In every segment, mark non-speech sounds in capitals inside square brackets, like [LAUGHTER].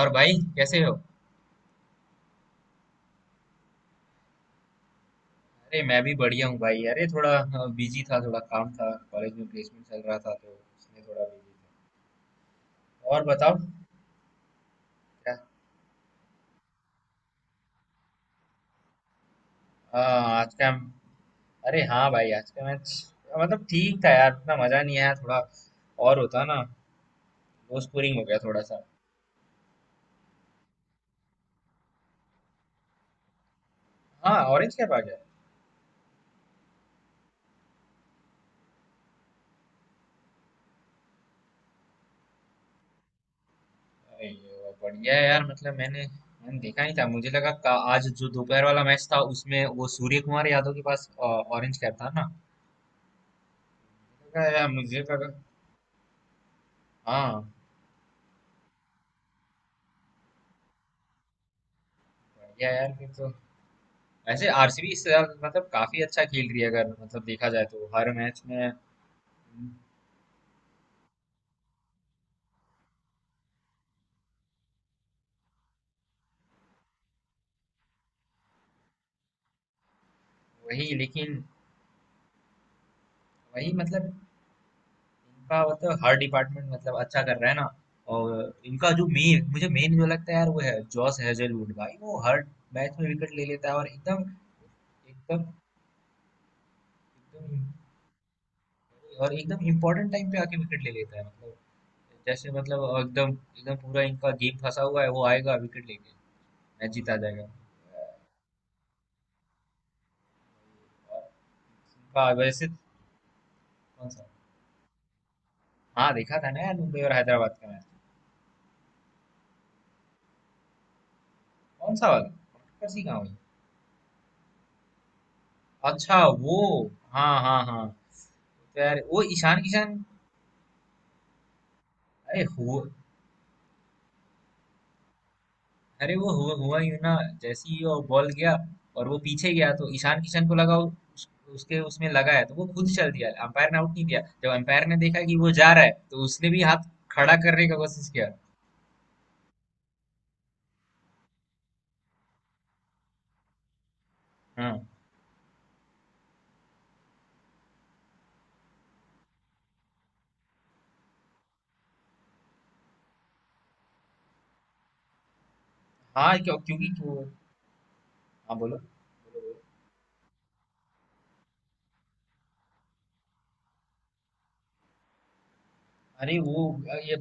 और भाई कैसे हो? अरे मैं भी बढ़िया हूँ भाई। अरे थोड़ा बिजी था, थोड़ा काम था, कॉलेज में प्लेसमेंट चल रहा था तो इसलिए थोड़ा बिजी था। और बताओ। क्या? आ, आज का? अरे हाँ भाई, आज का मैच मतलब ठीक था यार, इतना मजा नहीं आया, थोड़ा और होता ना। लो स्कोरिंग हो गया थोड़ा सा। हाँ, ऑरेंज कैप आ गया। अरे ये बढ़िया है यार, मतलब मैंने मैंने देखा नहीं था, मुझे लगा आज जो दोपहर वाला मैच था उसमें वो सूर्य कुमार यादव के पास ऑरेंज कैप था ना। मैंने कहा, यार मुझे लगा। हाँ, बढ़िया यार फिर तो। वैसे आरसीबी इस साल मतलब काफी अच्छा खेल रही है, अगर मतलब देखा जाए तो हर मैच में। वही लेकिन। वही मतलब इनका मतलब हर डिपार्टमेंट मतलब अच्छा कर रहा है ना। और इनका जो मेन, मुझे मेन जो लगता है यार वो है जॉस हेजलवुड भाई। वो हर मैच में विकेट ले लेता है, और एकदम एकदम एकदम। और एकदम इम्पोर्टेंट टाइम पे आके विकेट ले लेता है मतलब। जैसे मतलब एकदम एकदम पूरा इनका गेम फंसा हुआ है, वो आएगा विकेट लेके मैच जीता जाएगा। और का वैसे। कौन सा? हाँ, देखा था ना यार, मुंबई और हैदराबाद का मैच। कौन सा वाला? कौन सी गाँव है? अच्छा वो। हाँ हाँ हाँ। तो यार वो ईशान किशन। अरे हो। अरे वो हुआ हुआ यूं ना, जैसे ही वो बॉल गया और वो पीछे गया तो ईशान किशन को लगा उसके उसमें लगा है, तो वो खुद चल दिया। अंपायर ने आउट नहीं दिया। जब अंपायर ने देखा कि वो जा रहा है, तो उसने भी हाथ खड़ा करने का कोशिश किया। हाँ हाँ क्यों, क्यों? हाँ बोलो। अरे वो ये।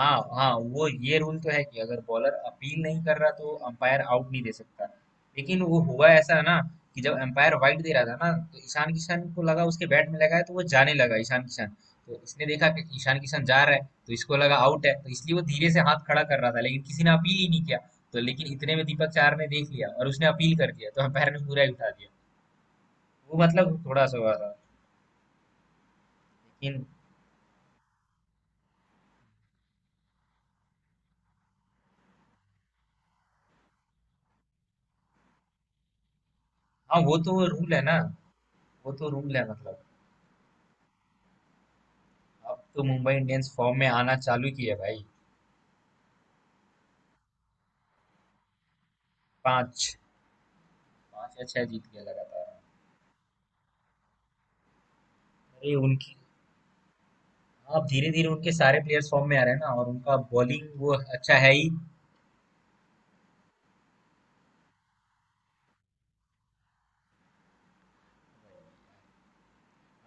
हाँ हाँ, वो ये रूल तो है कि अगर बॉलर अपील नहीं कर रहा तो अंपायर आउट नहीं दे सकता। लेकिन वो हुआ ऐसा ना, कि जब अंपायर वाइड दे रहा था ना तो ईशान किशन को लगा उसके बैट में लगा है, तो वो जाने लगा ईशान किशन। तो इसने देखा कि ईशान किशन जा रहा है तो इसको लगा आउट है, तो इसलिए वो धीरे से हाथ खड़ा कर रहा था, लेकिन किसी ने अपील ही नहीं किया। तो लेकिन इतने में दीपक चार ने देख लिया और उसने अपील कर दिया, तो अंपायर ने पूरा ही उठा दिया। वो मतलब थोड़ा सा हुआ था लेकिन। हाँ, वो तो रूल है ना। वो तो रूल है मतलब। अब तो मुंबई इंडियंस फॉर्म में आना चालू किया भाई। पाँच, पाँच या छह जीत गया लगातार। अरे उनकी। अब धीरे धीरे उनके सारे प्लेयर्स फॉर्म में आ रहे हैं ना, और उनका बॉलिंग वो अच्छा है ही।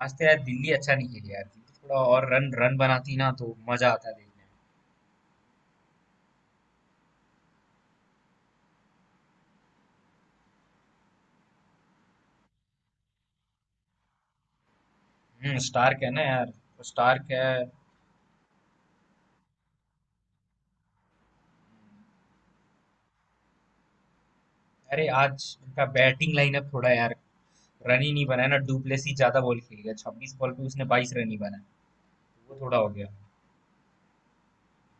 आज तो यार दिल्ली अच्छा नहीं खेली यार। दिल्ली थोड़ा और रन रन बनाती ना तो मजा आता देखने में। हम्म, स्टार्क है ना यार, वो स्टार्क है। अरे आज उनका बैटिंग लाइनअप थोड़ा यार, रन ही नहीं बनाया ना। डुप्लेसी ज्यादा बॉल खेल गया, 26 बॉल पे उसने 22 रन ही बनाया, वो थोड़ा हो गया।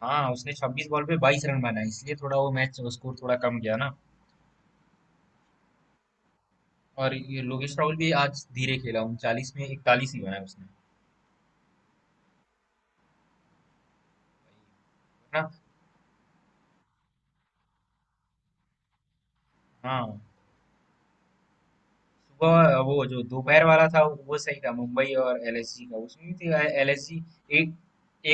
हाँ, उसने 26 बॉल पे 22 रन बनाए, इसलिए थोड़ा वो मैच स्कोर थोड़ा कम गया ना। और ये लोकेश राहुल भी आज धीरे खेला, 39 में 41 ही बनाए उसने ना। हाँ, सुबह वो जो दोपहर वाला था वो सही था, मुंबई और एलएसजी का। उसमें भी तो एलएसजी एक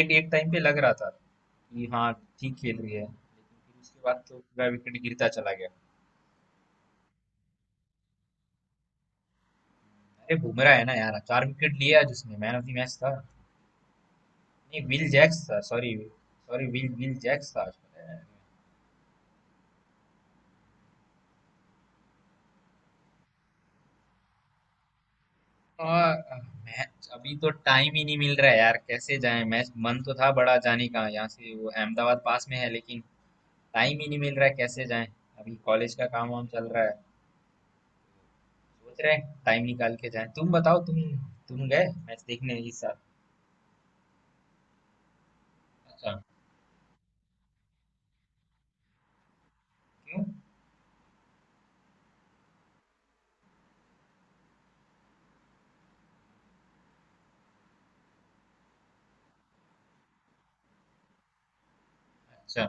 एक एक टाइम पे लग रहा था कि हाँ ठीक खेल रही है, लेकिन फिर उसके बाद तो पूरा विकेट गिरता चला गया। अरे बुमराह है ना यार, 4 विकेट लिए आज उसने। मैन ऑफ द मैच था नहीं, विल जैक्स था। Sorry sorry Will Will Jacks था। आज और मैच अभी तो टाइम ही नहीं मिल रहा है यार, कैसे जाएं मैच। मन तो था बड़ा जाने का, यहाँ से वो अहमदाबाद पास में है, लेकिन टाइम ही नहीं मिल रहा है, कैसे जाएं। अभी कॉलेज का काम वाम चल रहा है, सोच रहे हैं टाइम निकाल के जाएं। तुम बताओ, तुम गए मैच देखने इस साल? अच्छा। क्यों? अच्छा।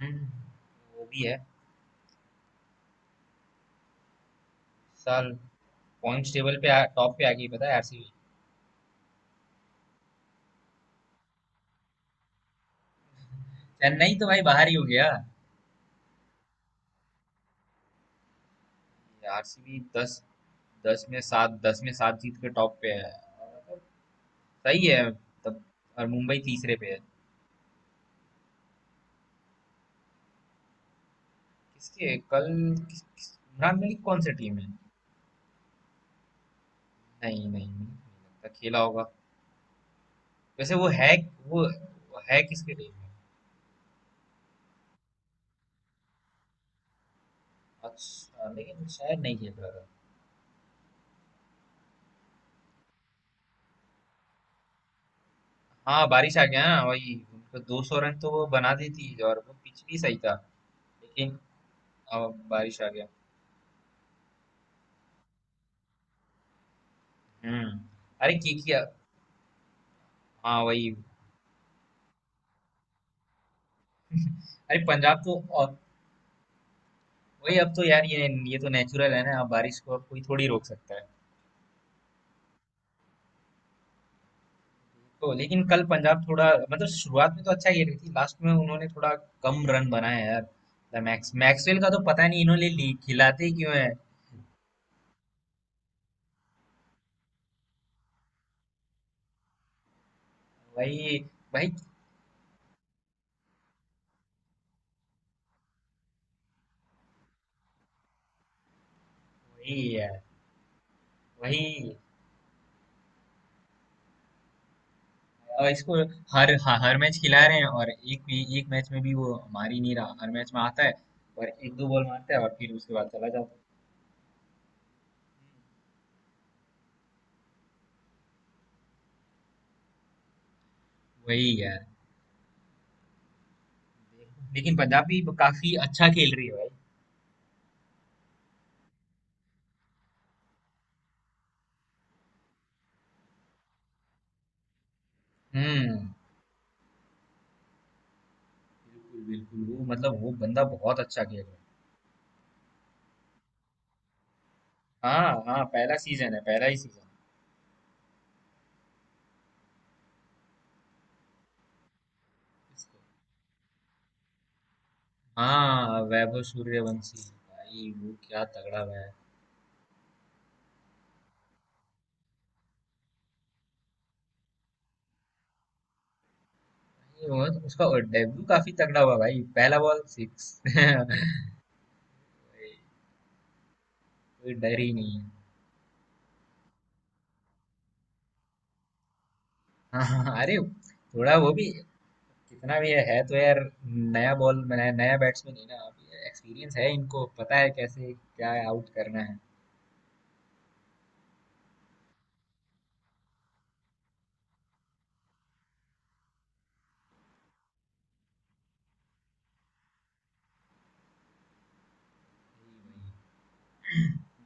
हम्म, वो भी है। इस साल पॉइंट्स टेबल पे टॉप पे आ गई, पता है, आरसीबी। चेन्नई तो भाई बाहर ही हो गया। आरसीबी 10, 10 में 7 जीत के टॉप पे है। सही है तब। और मुंबई तीसरे पे है। किसके, कल? किस, किस, इमरान मलिक कौन से टीम है? नहीं नहीं नहीं नहीं लगता खेला होगा। वैसे वो है। वो वो है किसके टीम में? अच्छा, लेकिन शायद नहीं खेल रहा था। हाँ, बारिश आ गया ना। वही, उनको 200 रन तो वो बना देती, और वो पिच भी सही था, लेकिन अब बारिश आ गया। हम्म। अरे के किया? हाँ वही। अरे पंजाब तो, और वही अब तो यार ये तो नेचुरल है ना, अब बारिश को अब कोई थोड़ी रोक सकता है। तो लेकिन कल पंजाब थोड़ा मतलब शुरुआत में तो अच्छा खेल रही थी, लास्ट में उन्होंने थोड़ा कम रन बनाए यार। मतलब मैक्सवेल का तो पता नहीं, इन्होंने ली खिलाते क्यों है। वही भाई। वही यार। वही। और इसको हर हर मैच खिला रहे हैं, और एक भी एक मैच में भी वो मार ही नहीं रहा। हर मैच में आता है और एक दो बॉल मारता है और फिर उसके बाद चला जाता है। वही यार। लेकिन पंजाब भी काफी अच्छा खेल रही है भाई। हम्म। बिल्कुल बिल्कुल, वो मतलब वो बंदा बहुत अच्छा खेल रहा है। हाँ हाँ, पहला सीजन है, पहला ही सीजन है। हाँ, वैभव सूर्यवंशी भाई, वो क्या तगड़ा हुआ है। भाई, तो उसका डेब्यू काफी तगड़ा हुआ भाई, पहला बॉल सिक्स [LAUGHS] कोई डर ही नहीं है। हाँ हाँ, हाँ, अरे, थोड़ा वो भी कितना भी है तो यार। नया बॉल, नया नया बैट्समैन है ना। एक्सपीरियंस है, इनको पता है कैसे क्या आउट करना है।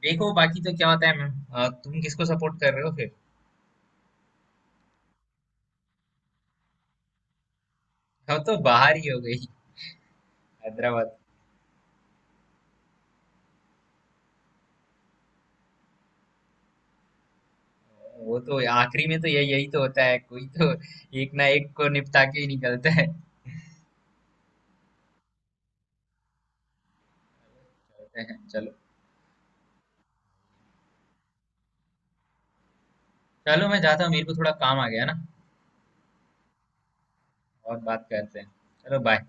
देखो बाकी तो क्या होता है मैम, तुम किसको सपोर्ट कर रहे हो फिर? हम तो बाहर ही हो गई, हैदराबाद। वो तो आखिरी में तो यही यही तो होता है, कोई तो एक ना एक को निपटा के ही निकलता है। चलते हैं, चलो। चलो मैं जाता हूँ, मेरे को थोड़ा काम आ गया ना, और बात करते हैं। चलो बाय।